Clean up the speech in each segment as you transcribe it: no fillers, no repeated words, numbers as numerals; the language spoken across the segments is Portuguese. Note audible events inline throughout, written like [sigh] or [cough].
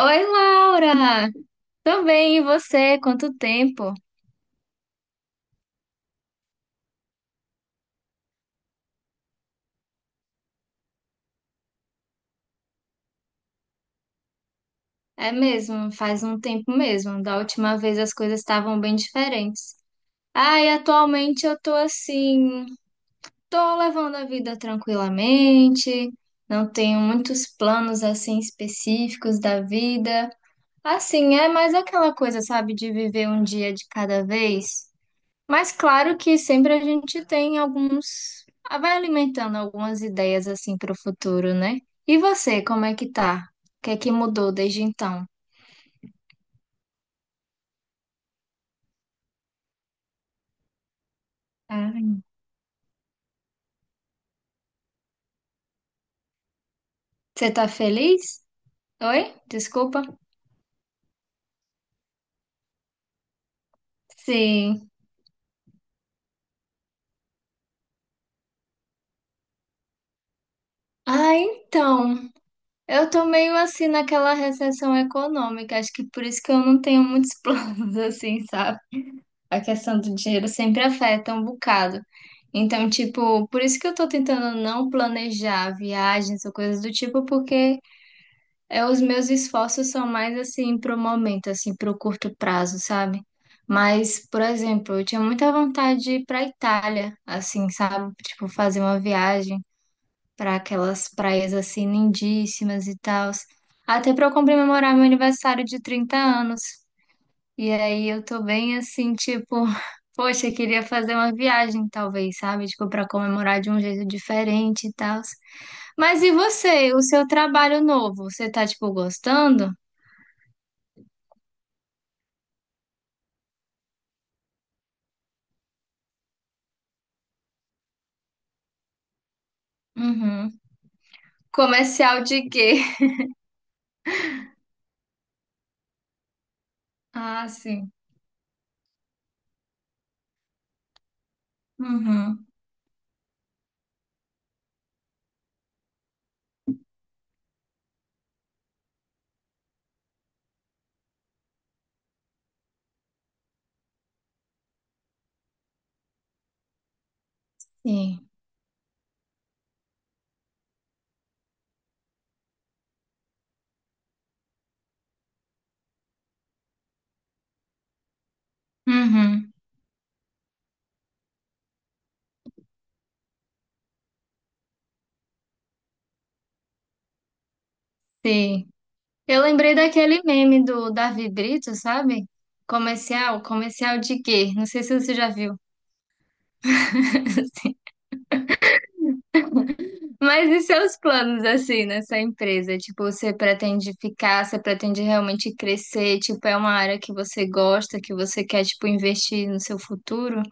Oi, Laura! Tô bem, e você? Quanto tempo? É mesmo, faz um tempo mesmo. Da última vez as coisas estavam bem diferentes. E atualmente eu tô levando a vida tranquilamente, não tenho muitos planos assim específicos da vida. Assim, é mais aquela coisa, sabe, de viver um dia de cada vez. Mas claro que sempre a gente tem alguns, vai alimentando algumas ideias assim para o futuro, né? E você, como é que tá? O que é que mudou desde então? Ah, você tá feliz? Oi? Desculpa. Sim. Então, eu tô meio assim naquela recessão econômica, acho que por isso que eu não tenho muitos [laughs] planos assim, sabe? A questão do dinheiro sempre afeta um bocado. Então, tipo, por isso que eu tô tentando não planejar viagens ou coisas do tipo, porque é, os meus esforços são mais assim pro momento, assim, pro curto prazo, sabe? Mas, por exemplo, eu tinha muita vontade de ir pra Itália, assim, sabe? Tipo, fazer uma viagem para aquelas praias assim lindíssimas e tal. Até para eu comemorar meu aniversário de 30 anos. E aí eu tô bem assim, tipo, [laughs] poxa, eu queria fazer uma viagem, talvez, sabe? Tipo, para comemorar de um jeito diferente e tal. Mas e você, o seu trabalho novo, você tá, tipo, gostando? Uhum. Comercial de quê? [laughs] Ah, sim. Uhum. Sim. Uhum. Sim. Eu lembrei daquele meme do Davi Brito, sabe? Comercial, comercial de quê? Não sei se você já viu. [laughs] Sim. Mas e seus planos assim nessa empresa? Tipo, você pretende ficar, você pretende realmente crescer? Tipo, é uma área que você gosta, que você quer, tipo, investir no seu futuro?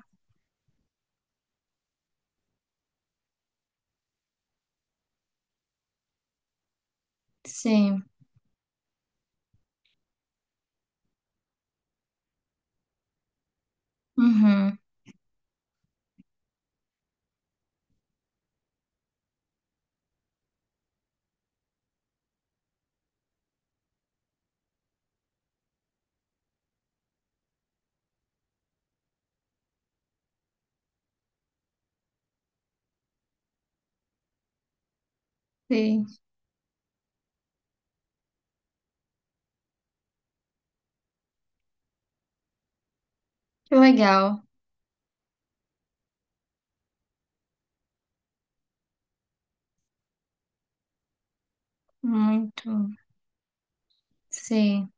Sim. Uhum. Sim. Que legal. Muito. Sim.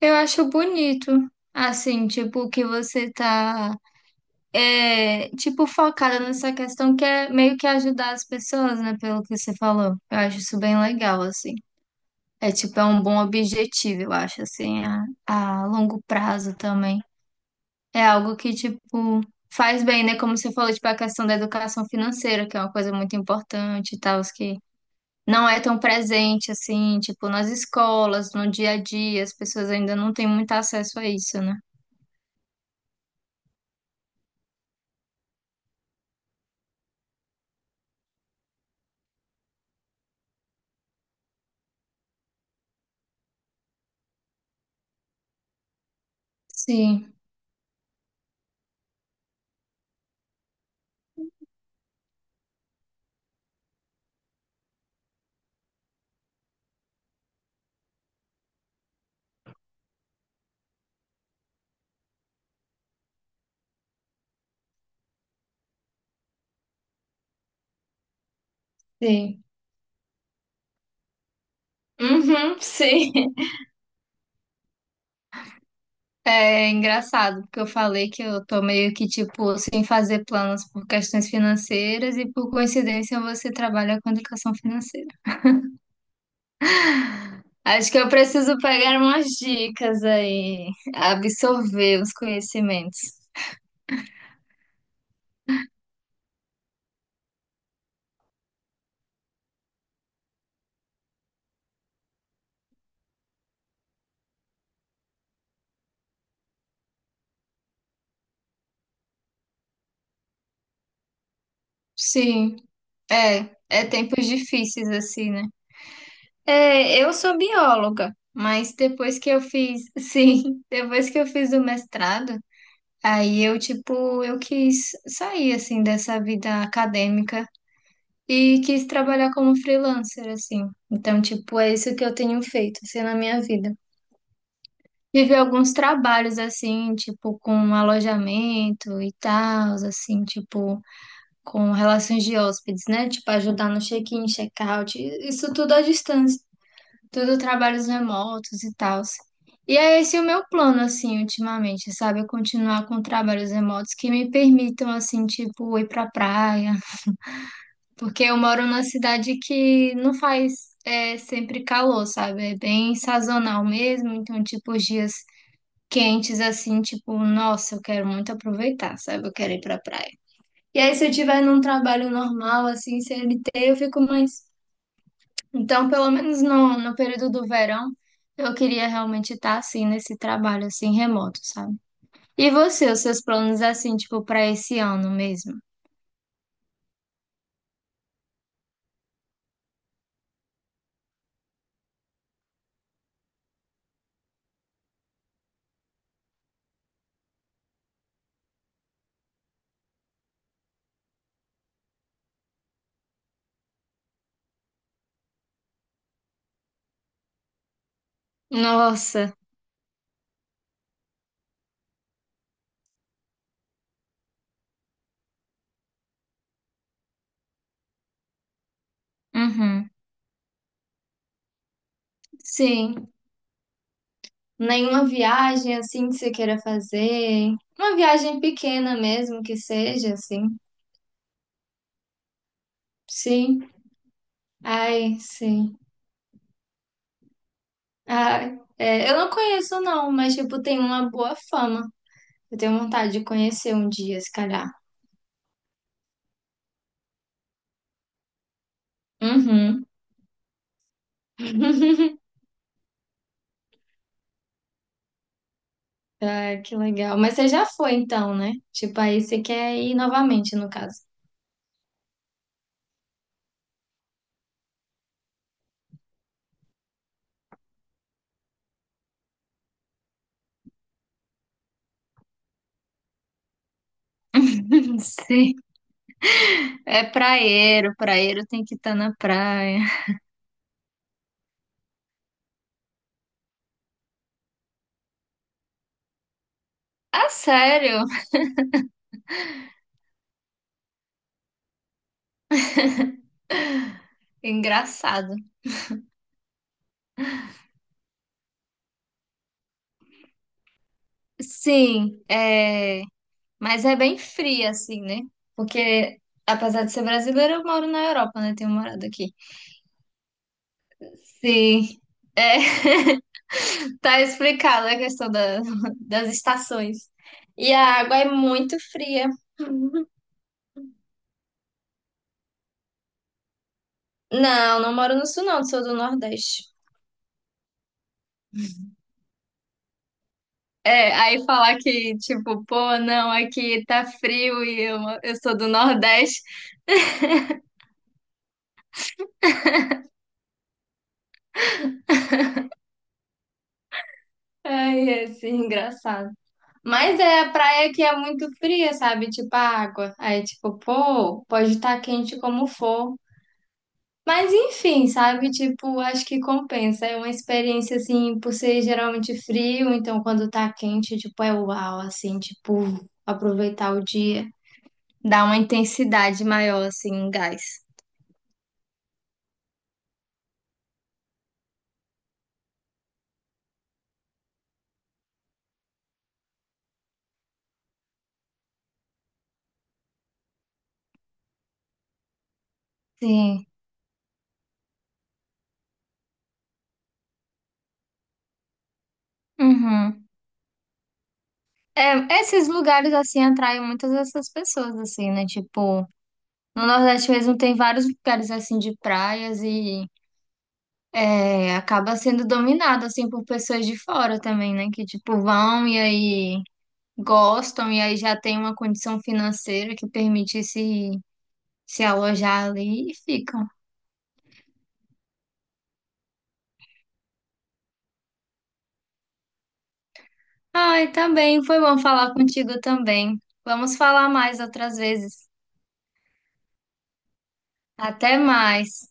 Eu acho bonito, assim, tipo, que você tá, é, tipo, focada nessa questão que é meio que ajudar as pessoas, né, pelo que você falou. Eu acho isso bem legal, assim. É, tipo, é um bom objetivo, eu acho, assim, a longo prazo também. É algo que, tipo, faz bem, né, como você falou, tipo, a questão da educação financeira, que é uma coisa muito importante e tal, os que não é tão presente, assim, tipo, nas escolas, no dia a dia, as pessoas ainda não têm muito acesso a isso, né? Sim, sim. Uhum, sim. [laughs] É engraçado, porque eu falei que eu tô meio que, tipo, sem fazer planos por questões financeiras e por coincidência você trabalha com educação financeira. Acho que eu preciso pegar umas dicas aí, absorver os conhecimentos. Sim, é, é tempos difíceis assim, né? É, eu sou bióloga, mas depois que eu fiz, [laughs] sim, depois que eu fiz o mestrado, aí eu, tipo, eu quis sair, assim, dessa vida acadêmica e quis trabalhar como freelancer, assim. Então, tipo, é isso que eu tenho feito, assim, na minha vida. Tive alguns trabalhos, assim, tipo, com alojamento e tal, assim, tipo, com relações de hóspedes, né? Tipo, ajudar no check-in, check-out, isso tudo à distância, tudo trabalhos remotos e tal. E é esse o meu plano, assim, ultimamente, sabe? Eu continuar com trabalhos remotos que me permitam, assim, tipo, ir pra praia. Porque eu moro numa cidade que não faz é, sempre calor, sabe? É bem sazonal mesmo. Então, tipo, os dias quentes, assim, tipo, nossa, eu quero muito aproveitar, sabe? Eu quero ir pra praia. E aí, se eu tiver num trabalho normal, assim, CLT, eu fico mais. Então, pelo menos no período do verão, eu queria realmente estar assim nesse trabalho assim remoto, sabe? E você, os seus planos assim, tipo, para esse ano mesmo? Nossa, uhum. Sim. Nenhuma viagem assim que você queira fazer. Uma viagem pequena mesmo que seja, assim. Sim. Ai, sim. Ai, é, eu não conheço não, mas tipo, tem uma boa fama. Eu tenho vontade de conhecer um dia, se calhar. Uhum. [laughs] Ah, que legal. Mas você já foi então, né? Tipo, aí você quer ir novamente, no caso. [laughs] Sim, é praieiro, praieiro tem que estar na praia. Ah, sério? Engraçado. Sim, é, mas é bem fria assim, né? Porque apesar de ser brasileira, eu moro na Europa, né? Tenho morado aqui. Sim, é, [laughs] tá explicada a questão da- das estações. E a água é muito fria. Não, não moro no sul, não, sou do Nordeste. É, aí falar que, tipo, pô, não, aqui tá frio eu sou do Nordeste. Ai, é assim, engraçado. Mas é a praia que é muito fria, sabe? Tipo, a água. Aí, tipo, pô, pode estar quente como for. Mas enfim, sabe? Tipo, acho que compensa. É uma experiência, assim, por ser geralmente frio, então quando tá quente, tipo, é uau, assim, tipo, aproveitar o dia. Dá uma intensidade maior, assim, em gás. Sim. Uhum. É, esses lugares, assim, atraem muitas dessas pessoas, assim, né? Tipo, no Nordeste mesmo tem vários lugares, assim, de praias e é, acaba sendo dominado, assim, por pessoas de fora também, né? Que, tipo, vão e aí gostam e aí já tem uma condição financeira que permite se, se alojar ali e ficam. Ai, tá bem, foi bom falar contigo também. Vamos falar mais outras vezes. Até mais.